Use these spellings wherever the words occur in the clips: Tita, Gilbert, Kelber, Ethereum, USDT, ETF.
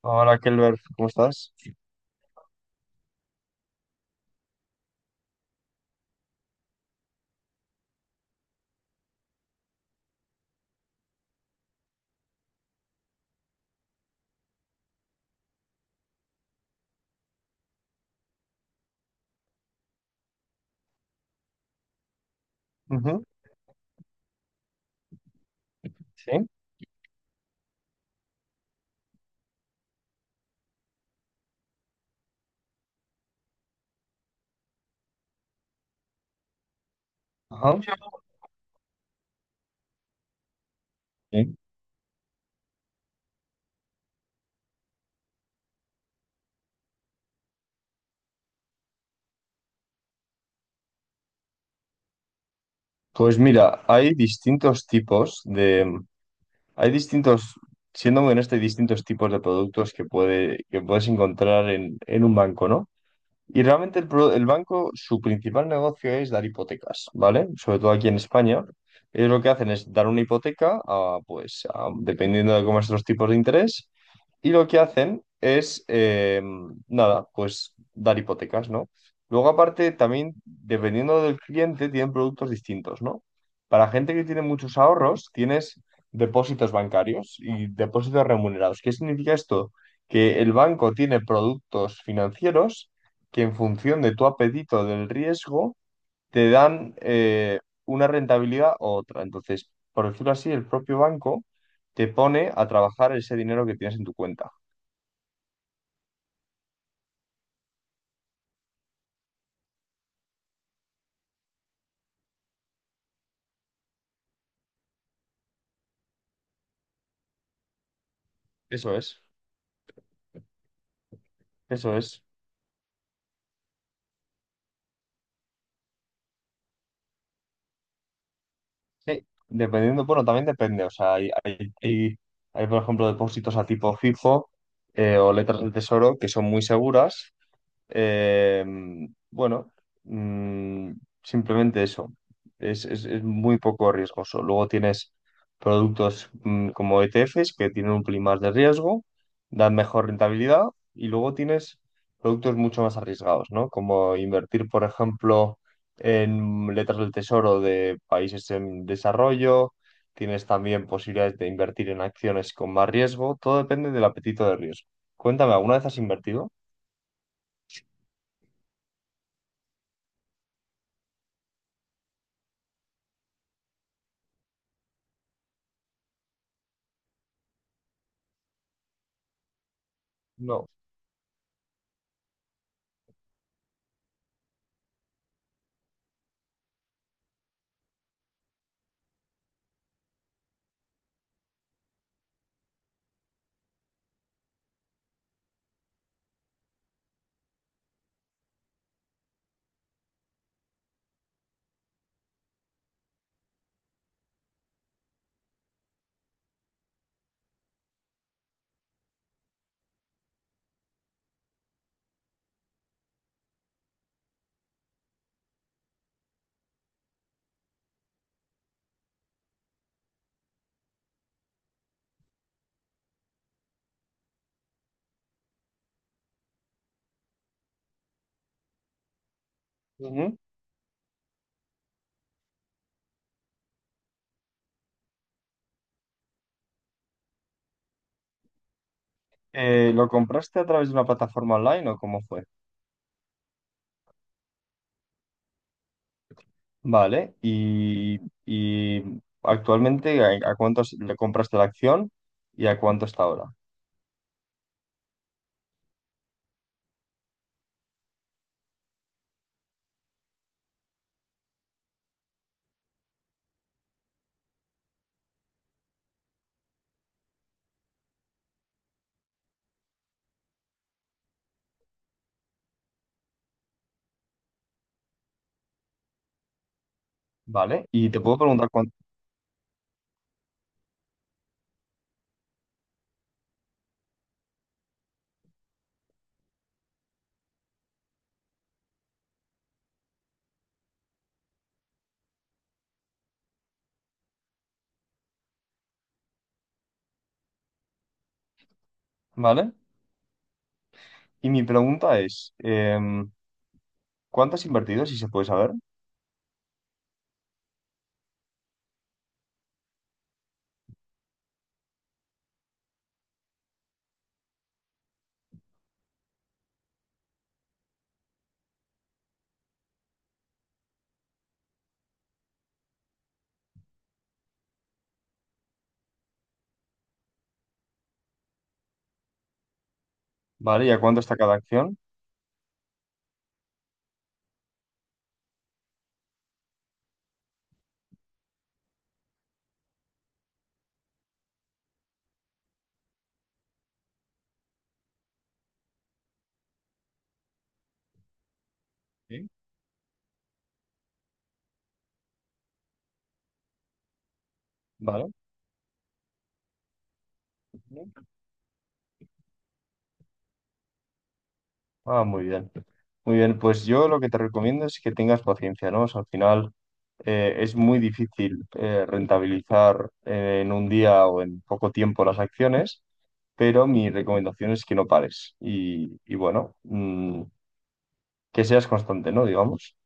Hola, Kelber, ¿cómo estás? Ujú. Sí. Ajá, sí. Pues mira, hay distintos tipos de, hay distintos, siendo muy honesto, hay distintos tipos de productos que que puedes encontrar en un banco, ¿no? Y realmente el banco, su principal negocio es dar hipotecas, ¿vale? Sobre todo aquí en España. Ellos lo que hacen es dar una hipoteca a, pues, a- dependiendo de cómo son los tipos de interés. Y lo que hacen es, nada, pues dar hipotecas, ¿no? Luego, aparte, también, dependiendo del cliente, tienen productos distintos, ¿no? Para gente que tiene muchos ahorros, tienes depósitos bancarios y depósitos remunerados. ¿Qué significa esto? Que el banco tiene productos financieros que en función de tu apetito del riesgo te dan una rentabilidad u otra. Entonces, por decirlo así, el propio banco te pone a trabajar ese dinero que tienes en tu cuenta. Eso es, eso es. Sí. Dependiendo, bueno, también depende. O sea, hay por ejemplo, depósitos a tipo fijo, o letras del tesoro que son muy seguras. Eh, bueno, mm, simplemente eso. Es muy poco riesgoso. Luego tienes productos como ETFs que tienen un pelín más de riesgo, dan mejor rentabilidad, y luego tienes productos mucho más arriesgados, ¿no? Como invertir, por ejemplo, en letras del tesoro de países en desarrollo. Tienes también posibilidades de invertir en acciones con más riesgo. Todo depende del apetito de riesgo. Cuéntame, ¿alguna vez has invertido? No. Ujú. ¿Lo compraste a través de una plataforma online o cómo fue? Vale, y actualmente ¿a, le compraste la acción y a cuánto está ahora? Vale, y te puedo preguntar cuánto, ¿vale? Y mi pregunta es, ¿cuánto has invertido, si se puede saber? Vale, ¿y a cuánto está cada acción? Sí. Vale. Ah, muy bien. Muy bien, pues yo lo que te recomiendo es que tengas paciencia, ¿no? O sea, al final es muy difícil rentabilizar en un día o en poco tiempo las acciones, pero mi recomendación es que no pares y bueno, que seas constante, ¿no? Digamos.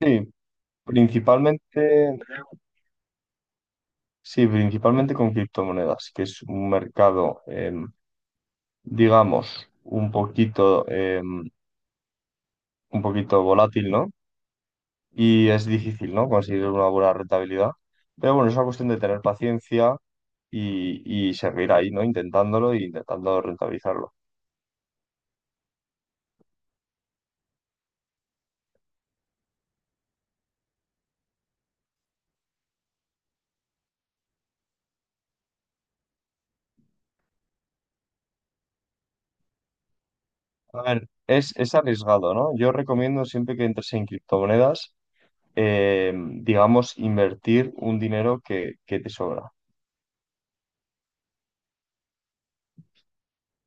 Sí, principalmente, sí, principalmente con criptomonedas, que es un mercado, digamos, un poquito, un poquito volátil, ¿no? Y es difícil, ¿no? Conseguir una buena rentabilidad. Pero bueno, es una cuestión de tener paciencia y seguir ahí, ¿no? Intentándolo e intentando rentabilizarlo. A ver, es arriesgado, ¿no? Yo recomiendo siempre que entres en criptomonedas, eh, digamos, invertir un dinero que te sobra,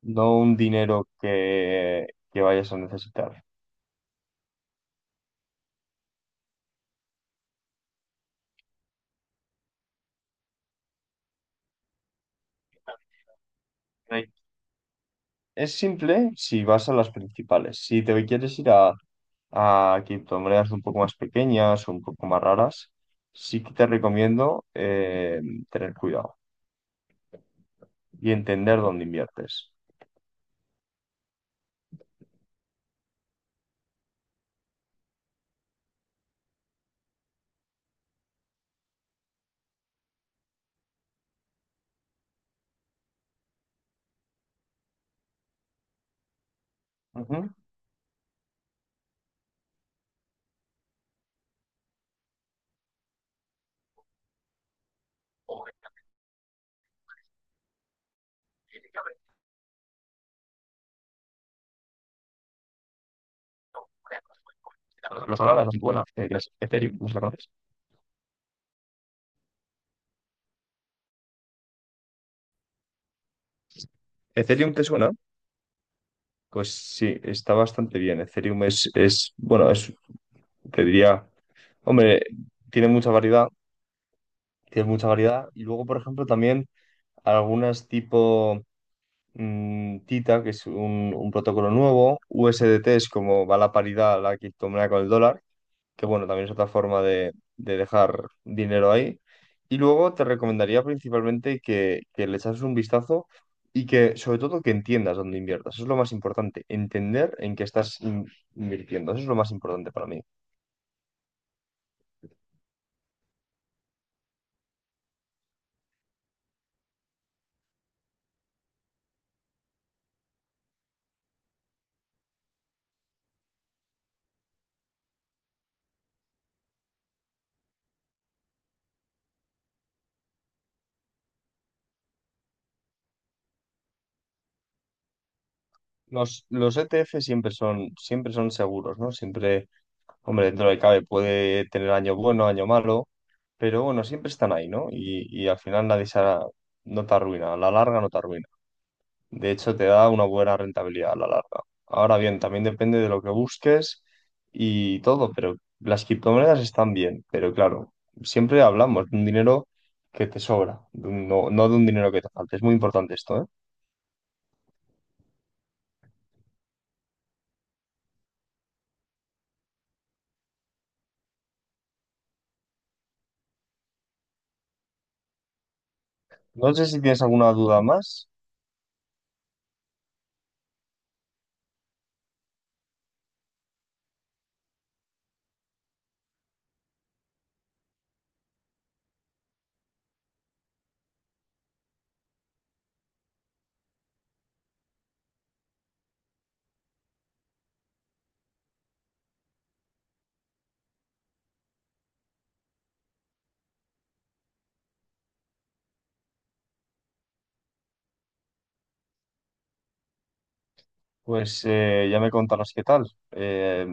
no un dinero que vayas a necesitar. Ok. Es simple si vas a las principales. Si te quieres ir a criptomonedas un poco más pequeñas o un poco más raras, sí que te recomiendo tener cuidado y entender dónde inviertes. Ujú. Las palabras, las buenas, las Ethereum, ¿no la conoces? ¿Ethereum te suena? Pues sí, está bastante bien. Ethereum bueno, es, te diría, hombre, tiene mucha variedad, tiene mucha variedad. Y luego, por ejemplo, también algunas tipo. Mm, Tita, que es un protocolo nuevo, U S D T es como va la paridad, la criptomoneda con el dólar, que bueno, también es otra forma de dejar dinero ahí. Y luego te recomendaría principalmente que le echases un vistazo y que sobre todo que entiendas dónde inviertas. Eso es lo más importante, entender en qué invirtiendo. Eso es lo más importante para mí. Los ETF siempre son seguros, ¿no? Siempre hombre, dentro de lo que cabe puede tener año bueno, año malo, pero bueno, siempre están ahí, ¿no? Y al final nadie se hará- no te arruina, a la larga no te arruina. De hecho, te da una buena rentabilidad a la larga. Ahora bien, también depende de lo que busques y todo, pero las criptomonedas están bien, pero claro, siempre hablamos de un dinero que te sobra, no, no de un dinero que te falta. Es muy importante esto, ¿eh? No sé si tienes alguna duda más. Pues ya me contarás qué tal.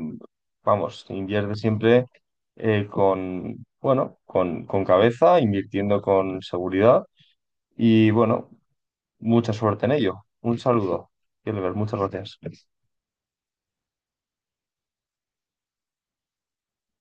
Vamos, invierte siempre con, bueno, con cabeza, invirtiendo con seguridad y bueno, mucha suerte en ello. Un saludo, Gilbert, muchas gracias.